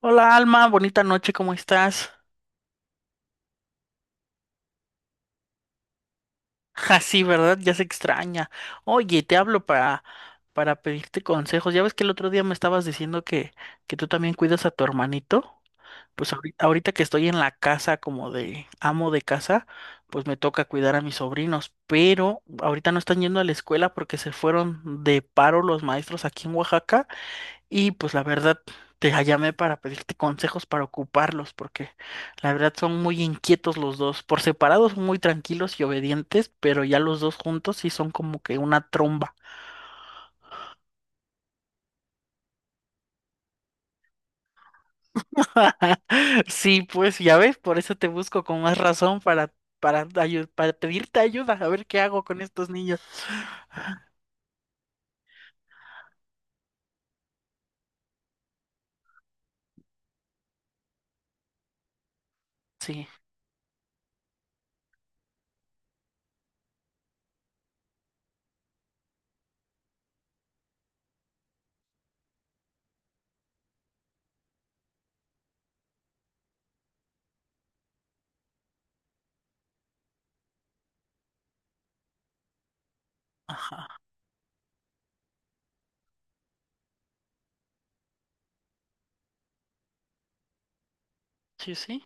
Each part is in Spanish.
Hola Alma, bonita noche, ¿cómo estás? Ja sí, ¿verdad? Ya se extraña. Oye, te hablo para pedirte consejos. Ya ves que el otro día me estabas diciendo que tú también cuidas a tu hermanito. Pues ahorita que estoy en la casa como de amo de casa, pues me toca cuidar a mis sobrinos, pero ahorita no están yendo a la escuela porque se fueron de paro los maestros aquí en Oaxaca. Y pues la verdad, te llamé para pedirte consejos para ocuparlos, porque la verdad son muy inquietos los dos. Por separados son muy tranquilos y obedientes, pero ya los dos juntos sí son como que una tromba. Sí, pues ya ves, por eso te busco con más razón para pedirte ayuda, a ver qué hago con estos niños. Sí, ajá, sí, sí.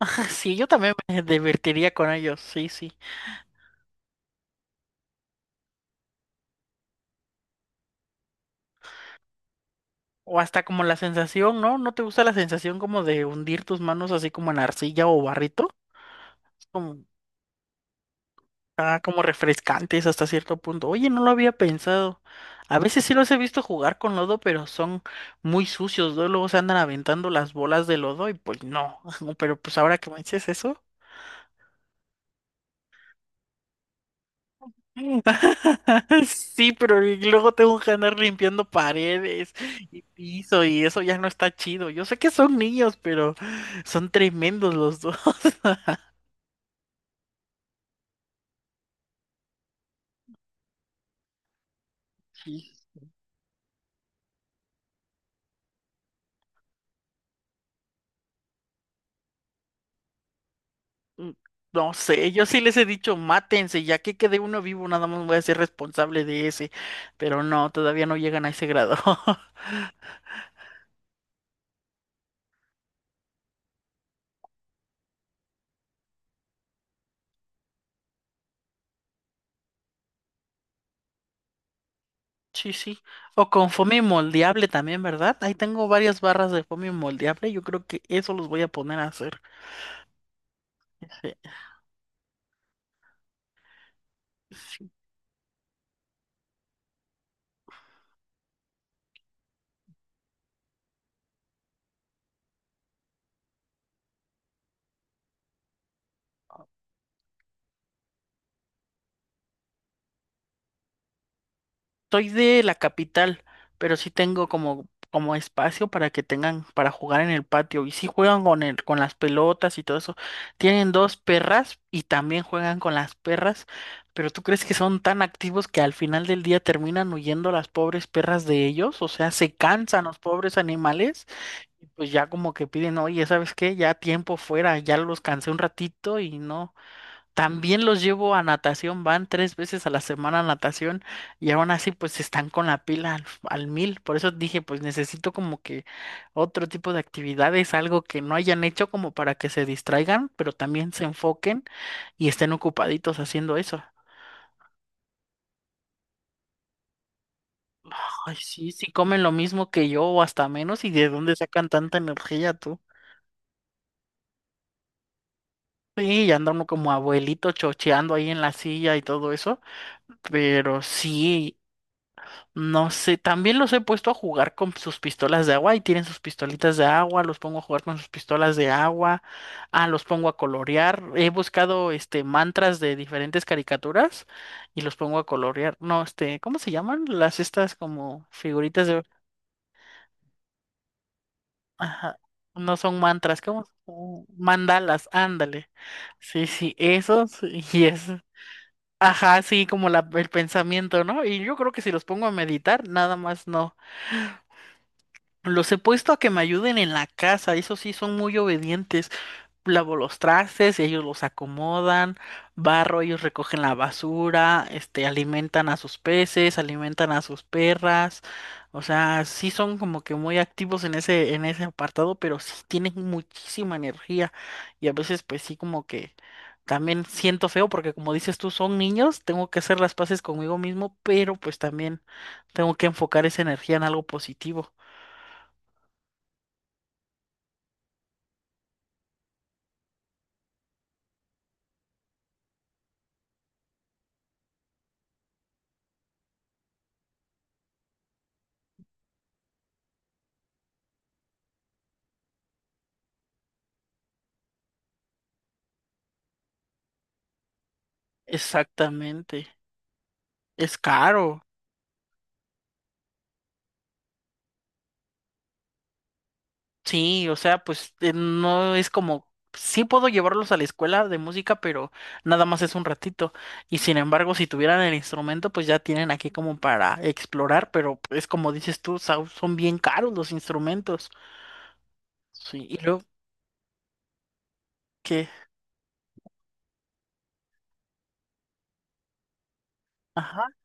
Sí, yo también me divertiría con ellos, sí, sí. O hasta como la sensación, ¿no? ¿No te gusta la sensación como de hundir tus manos así como en arcilla o barrito? Es como refrescantes hasta cierto punto. Oye, no lo había pensado. A veces sí los he visto jugar con lodo, pero son muy sucios, ¿no? Luego se andan aventando las bolas de lodo y pues no. Pero pues ahora que me dices eso. Sí, pero y luego tengo que andar limpiando paredes y piso y eso ya no está chido. Yo sé que son niños, pero son tremendos los dos. Mm, No sé, yo sí les he dicho, mátense, ya que quede uno vivo, nada más voy a ser responsable de ese. Pero no, todavía no llegan a ese grado. Sí, sí. O con foamy moldeable también, ¿verdad? Ahí tengo varias barras de foamy moldeable, yo creo que eso los voy a poner a hacer. Sí. Soy de la capital, pero sí tengo como espacio para que tengan para jugar en el patio. Y sí juegan con las pelotas y todo eso. Tienen dos perras y también juegan con las perras. Pero ¿tú crees que son tan activos que al final del día terminan huyendo las pobres perras de ellos? O sea, se cansan los pobres animales y pues ya como que piden, oye, ¿sabes qué? Ya tiempo fuera, ya los cansé un ratito y no. También los llevo a natación, van tres veces a la semana a natación y aún así pues están con la pila al mil. Por eso dije pues necesito como que otro tipo de actividades, algo que no hayan hecho como para que se distraigan, pero también se enfoquen y estén ocupaditos haciendo eso. Ay, sí, sí comen lo mismo que yo o hasta menos y de dónde sacan tanta energía tú. Sí, y anda uno como abuelito chocheando ahí en la silla y todo eso. Pero sí. No sé, también los he puesto a jugar con sus pistolas de agua y tienen sus pistolitas de agua, los pongo a jugar con sus pistolas de agua, los pongo a colorear, he buscado mantras de diferentes caricaturas y los pongo a colorear. No, ¿cómo se llaman? Las estas como figuritas de, ajá, no son mantras, ¿cómo? Mandalas, ándale. Sí, sí, esos y eso. Ajá, sí, como el pensamiento, ¿no? Y yo creo que si los pongo a meditar, nada más no. Los he puesto a que me ayuden en la casa, eso sí son muy obedientes. Lavo los trastes, ellos los acomodan, barro, ellos recogen la basura, alimentan a sus peces, alimentan a sus perras. O sea, sí son como que muy activos en ese apartado, pero sí tienen muchísima energía. Y a veces, pues sí, como que también siento feo, porque como dices tú, son niños, tengo que hacer las paces conmigo mismo, pero pues también tengo que enfocar esa energía en algo positivo. Exactamente. Es caro. Sí, o sea, pues no es como, sí puedo llevarlos a la escuela de música, pero nada más es un ratito. Y sin embargo, si tuvieran el instrumento, pues ya tienen aquí como para explorar, pero es como dices tú, Sau, son bien caros los instrumentos. Sí, y luego que, ajá.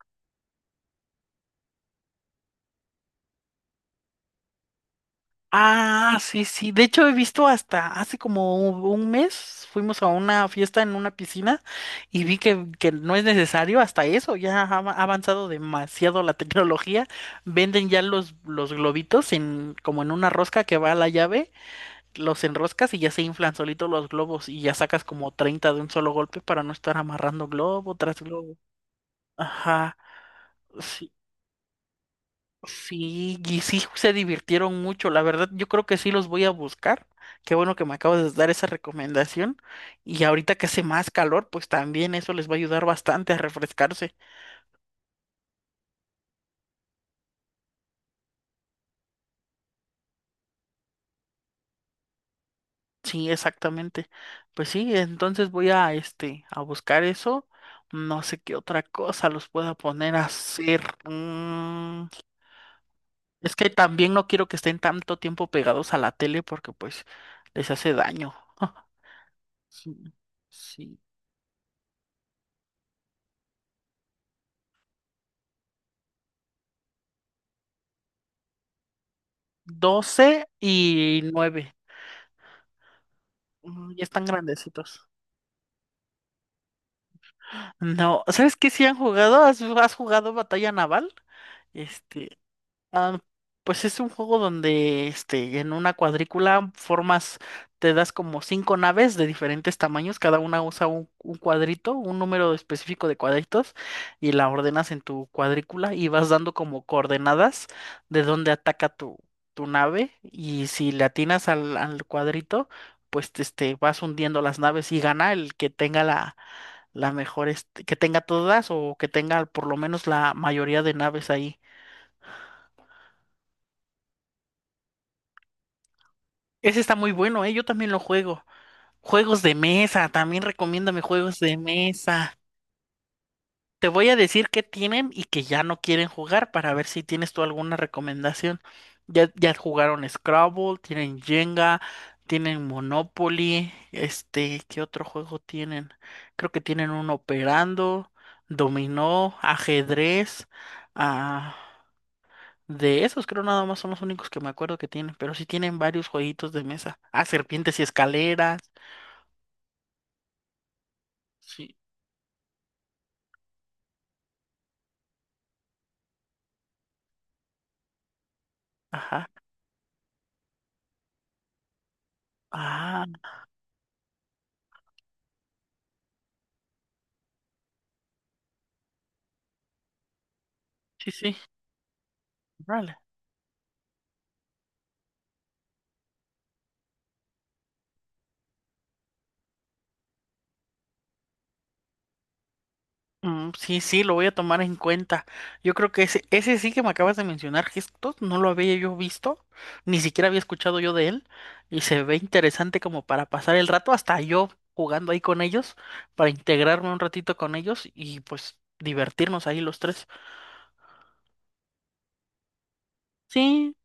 Ah, sí, sí. De hecho, he visto hasta hace como un mes fuimos a una fiesta en una piscina y vi que no es necesario hasta eso. Ya ha avanzado demasiado la tecnología. Venden ya los globitos como en una rosca que va a la llave, los enroscas y ya se inflan solitos los globos y ya sacas como 30 de un solo golpe para no estar amarrando globo tras globo. Ajá. Sí. Sí, y sí se divirtieron mucho. La verdad, yo creo que sí los voy a buscar. Qué bueno que me acabas de dar esa recomendación. Y ahorita que hace más calor, pues también eso les va a ayudar bastante a refrescarse. Sí, exactamente. Pues sí, entonces voy a buscar eso. No sé qué otra cosa los pueda poner a hacer. Es que también no quiero que estén tanto tiempo pegados a la tele porque pues les hace daño. Sí, sí. 12 y 9. Ya están grandecitos. No, ¿sabes qué? Si han jugado, ¿has jugado Batalla Naval? Este, Ah, pues es un juego donde en una cuadrícula formas, te das como cinco naves de diferentes tamaños, cada una usa un cuadrito, un número específico de cuadritos, y la ordenas en tu cuadrícula y vas dando como coordenadas de dónde ataca tu nave, y si le atinas al cuadrito, pues vas hundiendo las naves y gana el que tenga la mejor, que tenga todas o que tenga por lo menos la mayoría de naves ahí. Ese está muy bueno, ¿eh? Yo también lo juego. Juegos de mesa, también recomiéndame juegos de mesa. Te voy a decir qué tienen y que ya no quieren jugar para ver si tienes tú alguna recomendación. Ya, ya jugaron Scrabble, tienen Jenga, tienen Monopoly, ¿qué otro juego tienen? Creo que tienen un Operando, Dominó, Ajedrez. Ah, de esos creo nada más son los únicos que me acuerdo que tienen, pero sí tienen varios jueguitos de mesa. Ah, Serpientes y Escaleras. Sí. Ajá. Ah, sí, sí. Vale. Mm, sí, sí, lo voy a tomar en cuenta. Yo creo que ese sí que me acabas de mencionar, gestos, no lo había yo visto, ni siquiera había escuchado yo de él, y se ve interesante como para pasar el rato, hasta yo jugando ahí con ellos, para integrarme un ratito con ellos y pues divertirnos ahí los tres. Sí,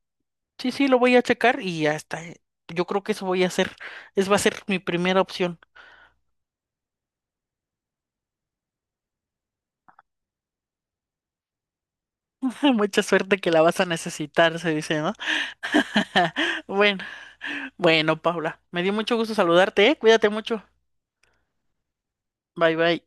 sí, sí, lo voy a checar y ya está. Yo creo que eso voy a hacer. Es va a ser mi primera opción. Mucha suerte que la vas a necesitar, se dice, ¿no? Bueno, bueno, Paula, me dio mucho gusto saludarte, ¿eh? Cuídate mucho. Bye, bye.